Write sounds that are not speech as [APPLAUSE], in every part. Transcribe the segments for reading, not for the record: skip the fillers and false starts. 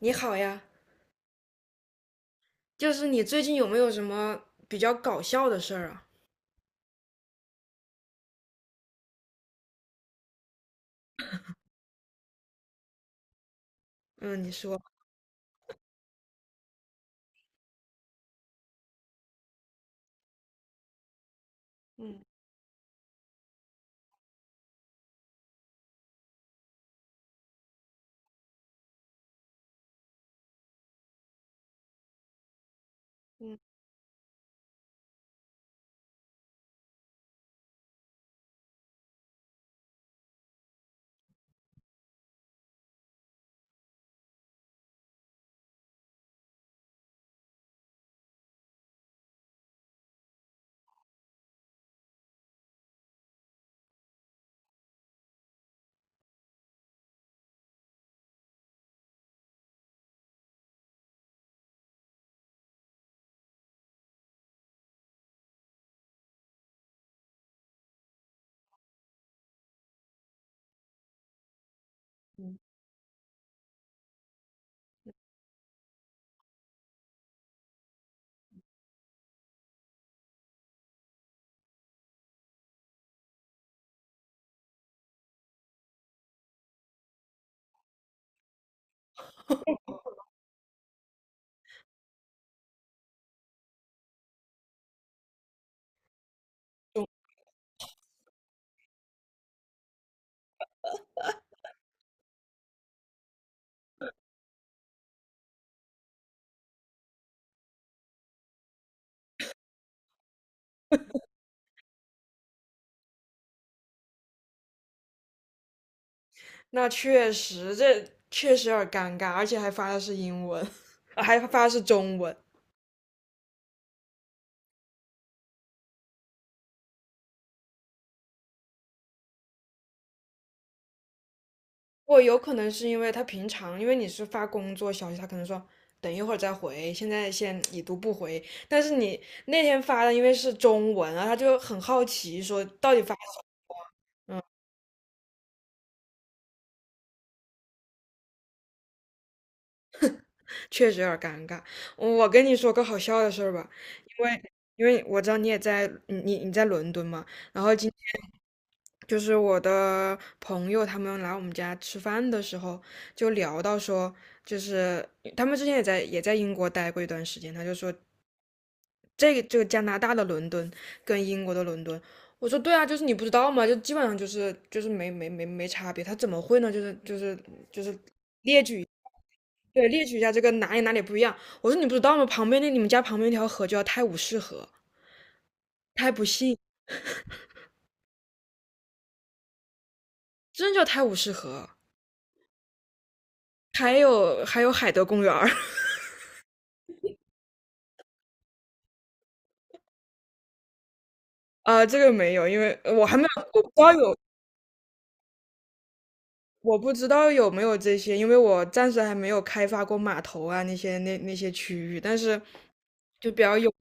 你好呀，就是你最近有没有什么比较搞笑的事儿啊？嗯，你说。嗯，那确实，这确实有点尴尬，而且还发的是英文，[LAUGHS] 还发的是中文。我有可能是因为他平常，因为你是发工作消息，他可能说等一会儿再回，现在先已读不回。但是你那天发的因为是中文啊，他就很好奇说到底发了什么。确实有点儿尴尬。我跟你说个好笑的事儿吧，因为我知道你也在，你在伦敦嘛，然后今天就是我的朋友他们来我们家吃饭的时候，就聊到说，就是他们之前也在英国待过一段时间，他就说这个加拿大的伦敦跟英国的伦敦。我说对啊，就是你不知道嘛，就基本上就是就是没差别，他怎么会呢？就是对，列举一下这个哪里不一样。我说你不知道吗？旁边那你们家旁边那条河叫泰晤士河，他还不信，真的叫泰晤士河。还有还有海德公园儿，[LAUGHS] 啊，这个没有，因为我还没有，我不知道有，我不知道有没有这些，因为我暂时还没有开发过码头啊那些那些区域，但是就比较有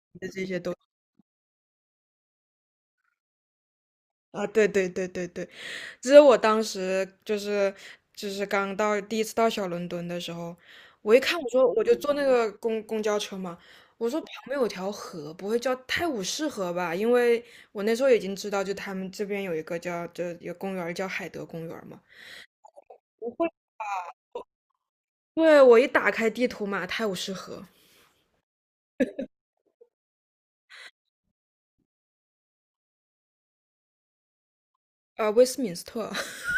啊，对对对对对。其实我当时就是就是刚到第一次到小伦敦的时候，我一看我说我就坐那个公交车嘛，我说旁边有条河，不会叫泰晤士河吧？因为我那时候已经知道，就他们这边有一个叫就有公园儿叫海德公园儿嘛。我会，对，我一打开地图嘛，泰晤士河，威斯敏斯特，[LAUGHS]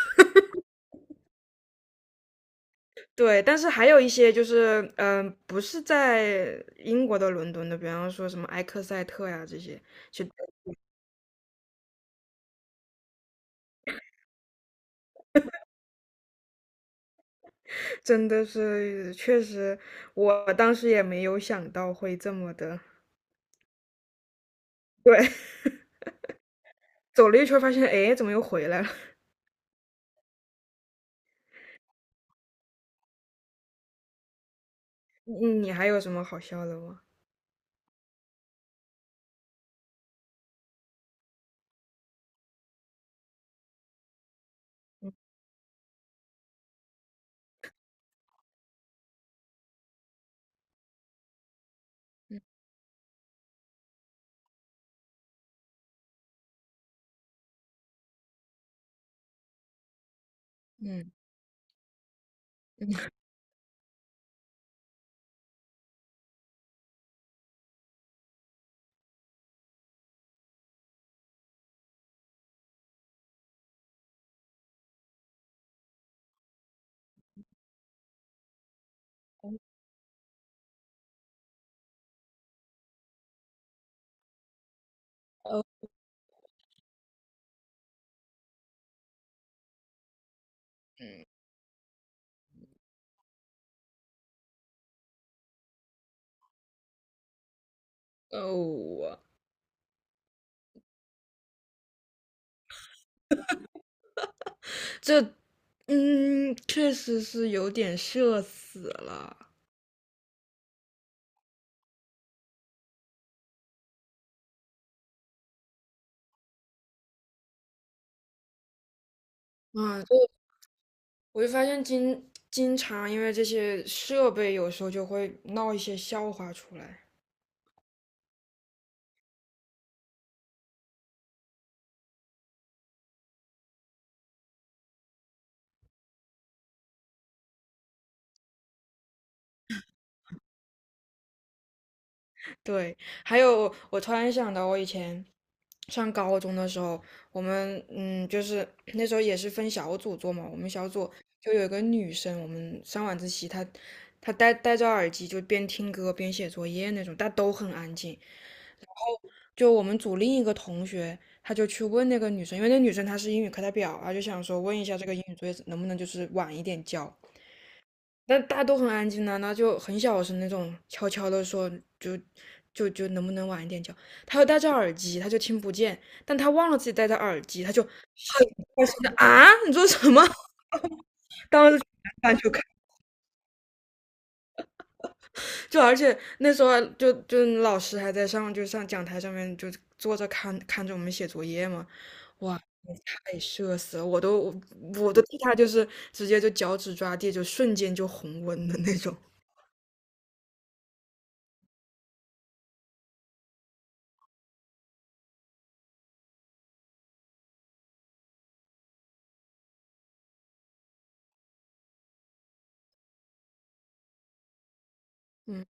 对，但是还有一些就是，不是在英国的伦敦的，比方说什么埃克塞特呀这些，就。真的是，确实，我当时也没有想到会这么的。对，[LAUGHS] 走了一圈儿发现，哎，怎么又回来了？你你还有什么好笑的吗？嗯，哦哦，我这，嗯，确实是有点社死了。啊！就我就发现经常因为这些设备，有时候就会闹一些笑话出来。对，还有我突然想到，我以前上高中的时候，我们就是那时候也是分小组做嘛，我们小组就有一个女生，我们上晚自习，她戴着耳机就边听歌边写作业那种，但都很安静。就我们组另一个同学，他就去问那个女生，因为那女生她是英语课代表啊，就想说问一下这个英语作业能不能就是晚一点交。那大家都很安静呢、那就很小声那种，悄悄的说，就就能不能晚一点叫？他又戴着耳机，他就听不见，但他忘了自己戴着耳机，他就啊，你说什么？[LAUGHS] 当时翻就看，就而且那时候啊就就老师还在上，就上讲台上面就坐着看看着我们写作业嘛，哇，太社死了，我都替他就是直接就脚趾抓地，就瞬间就红温的那种，嗯，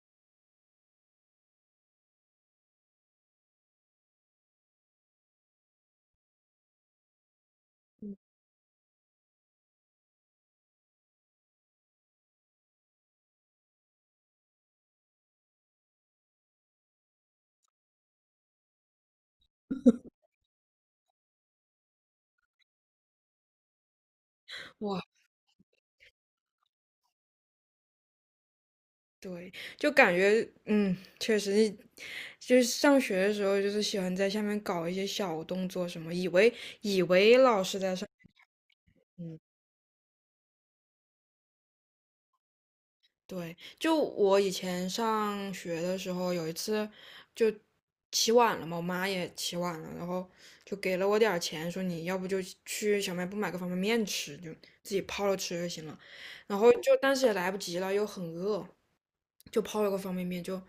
哇。对，就感觉嗯，确实，就是上学的时候，就是喜欢在下面搞一些小动作什么，以为老师在上面，嗯，对，就我以前上学的时候，有一次就起晚了嘛，我妈也起晚了，然后就给了我点儿钱，说你要不就去小卖部买个方便面吃，就自己泡了吃就行了，然后就但是也来不及了，又很饿，就泡了个方便面就。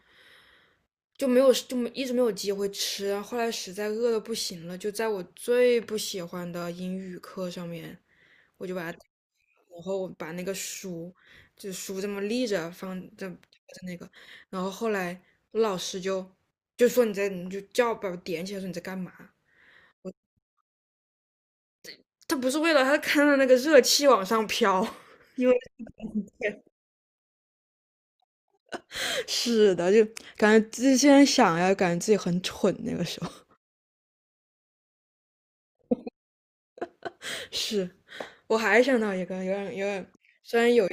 就没有就没一直没有机会吃，后来实在饿的不行了，就在我最不喜欢的英语课上面，我就把它，然后我把那个书，就书这么立着放在那个，然后后来我老师就说你在你就叫把我点起来说你在干嘛？他不是为了他看到那个热气往上飘，[LAUGHS] 因为是的，就感觉自己现在想呀，感觉自己很蠢那个时候。[LAUGHS] 是，我还想到一个有点，虽然有。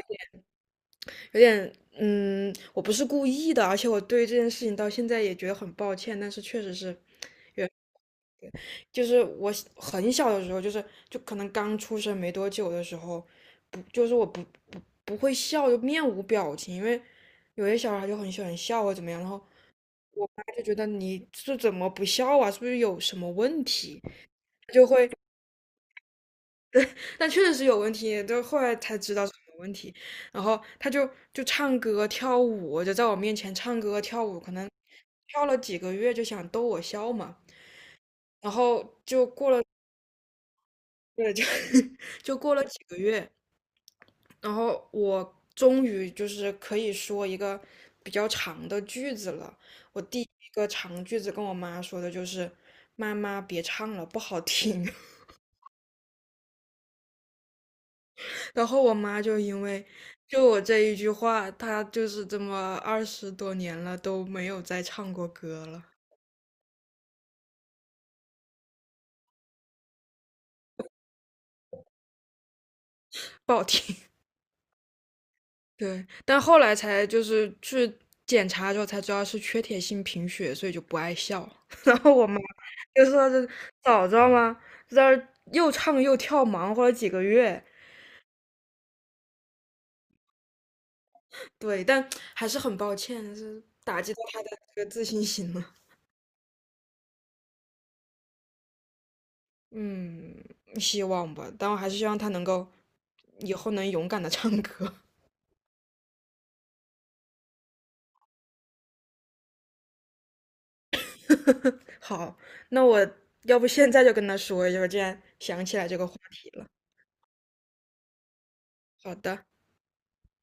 有点，我不是故意的，而且我对这件事情到现在也觉得很抱歉，但是确实是，也就是我小很小的时候，就是就可能刚出生没多久的时候，不就是我不会笑，就面无表情，因为有些小孩就很喜欢笑或怎么样，然后我妈就觉得你是怎么不笑啊，是不是有什么问题？就会。但确实是有问题，就后来才知道是有问题。然后他就唱歌跳舞，就在我面前唱歌跳舞，可能跳了几个月就想逗我笑嘛。然后就过了，对，就 [LAUGHS] 就过了几个月，然后我终于就是可以说一个比较长的句子了。我第一个长句子跟我妈说的就是："妈妈，别唱了，不好听。"然后我妈就因为就我这一句话，她就是这么20多年了都没有再唱过歌了，不好听。[LAUGHS] 对，但后来才就是去检查之后才知道是缺铁性贫血，所以就不爱笑。[LAUGHS] 然后我妈就说是早知道吗？在这儿又唱又跳，忙活了几个月。对，但还是很抱歉，是打击到她的这个自信心了。嗯，希望吧，但我还是希望他能够以后能勇敢的唱歌。[LAUGHS] 好，那我要不现在就跟他说一下，我竟然想起来这个话题了。好的。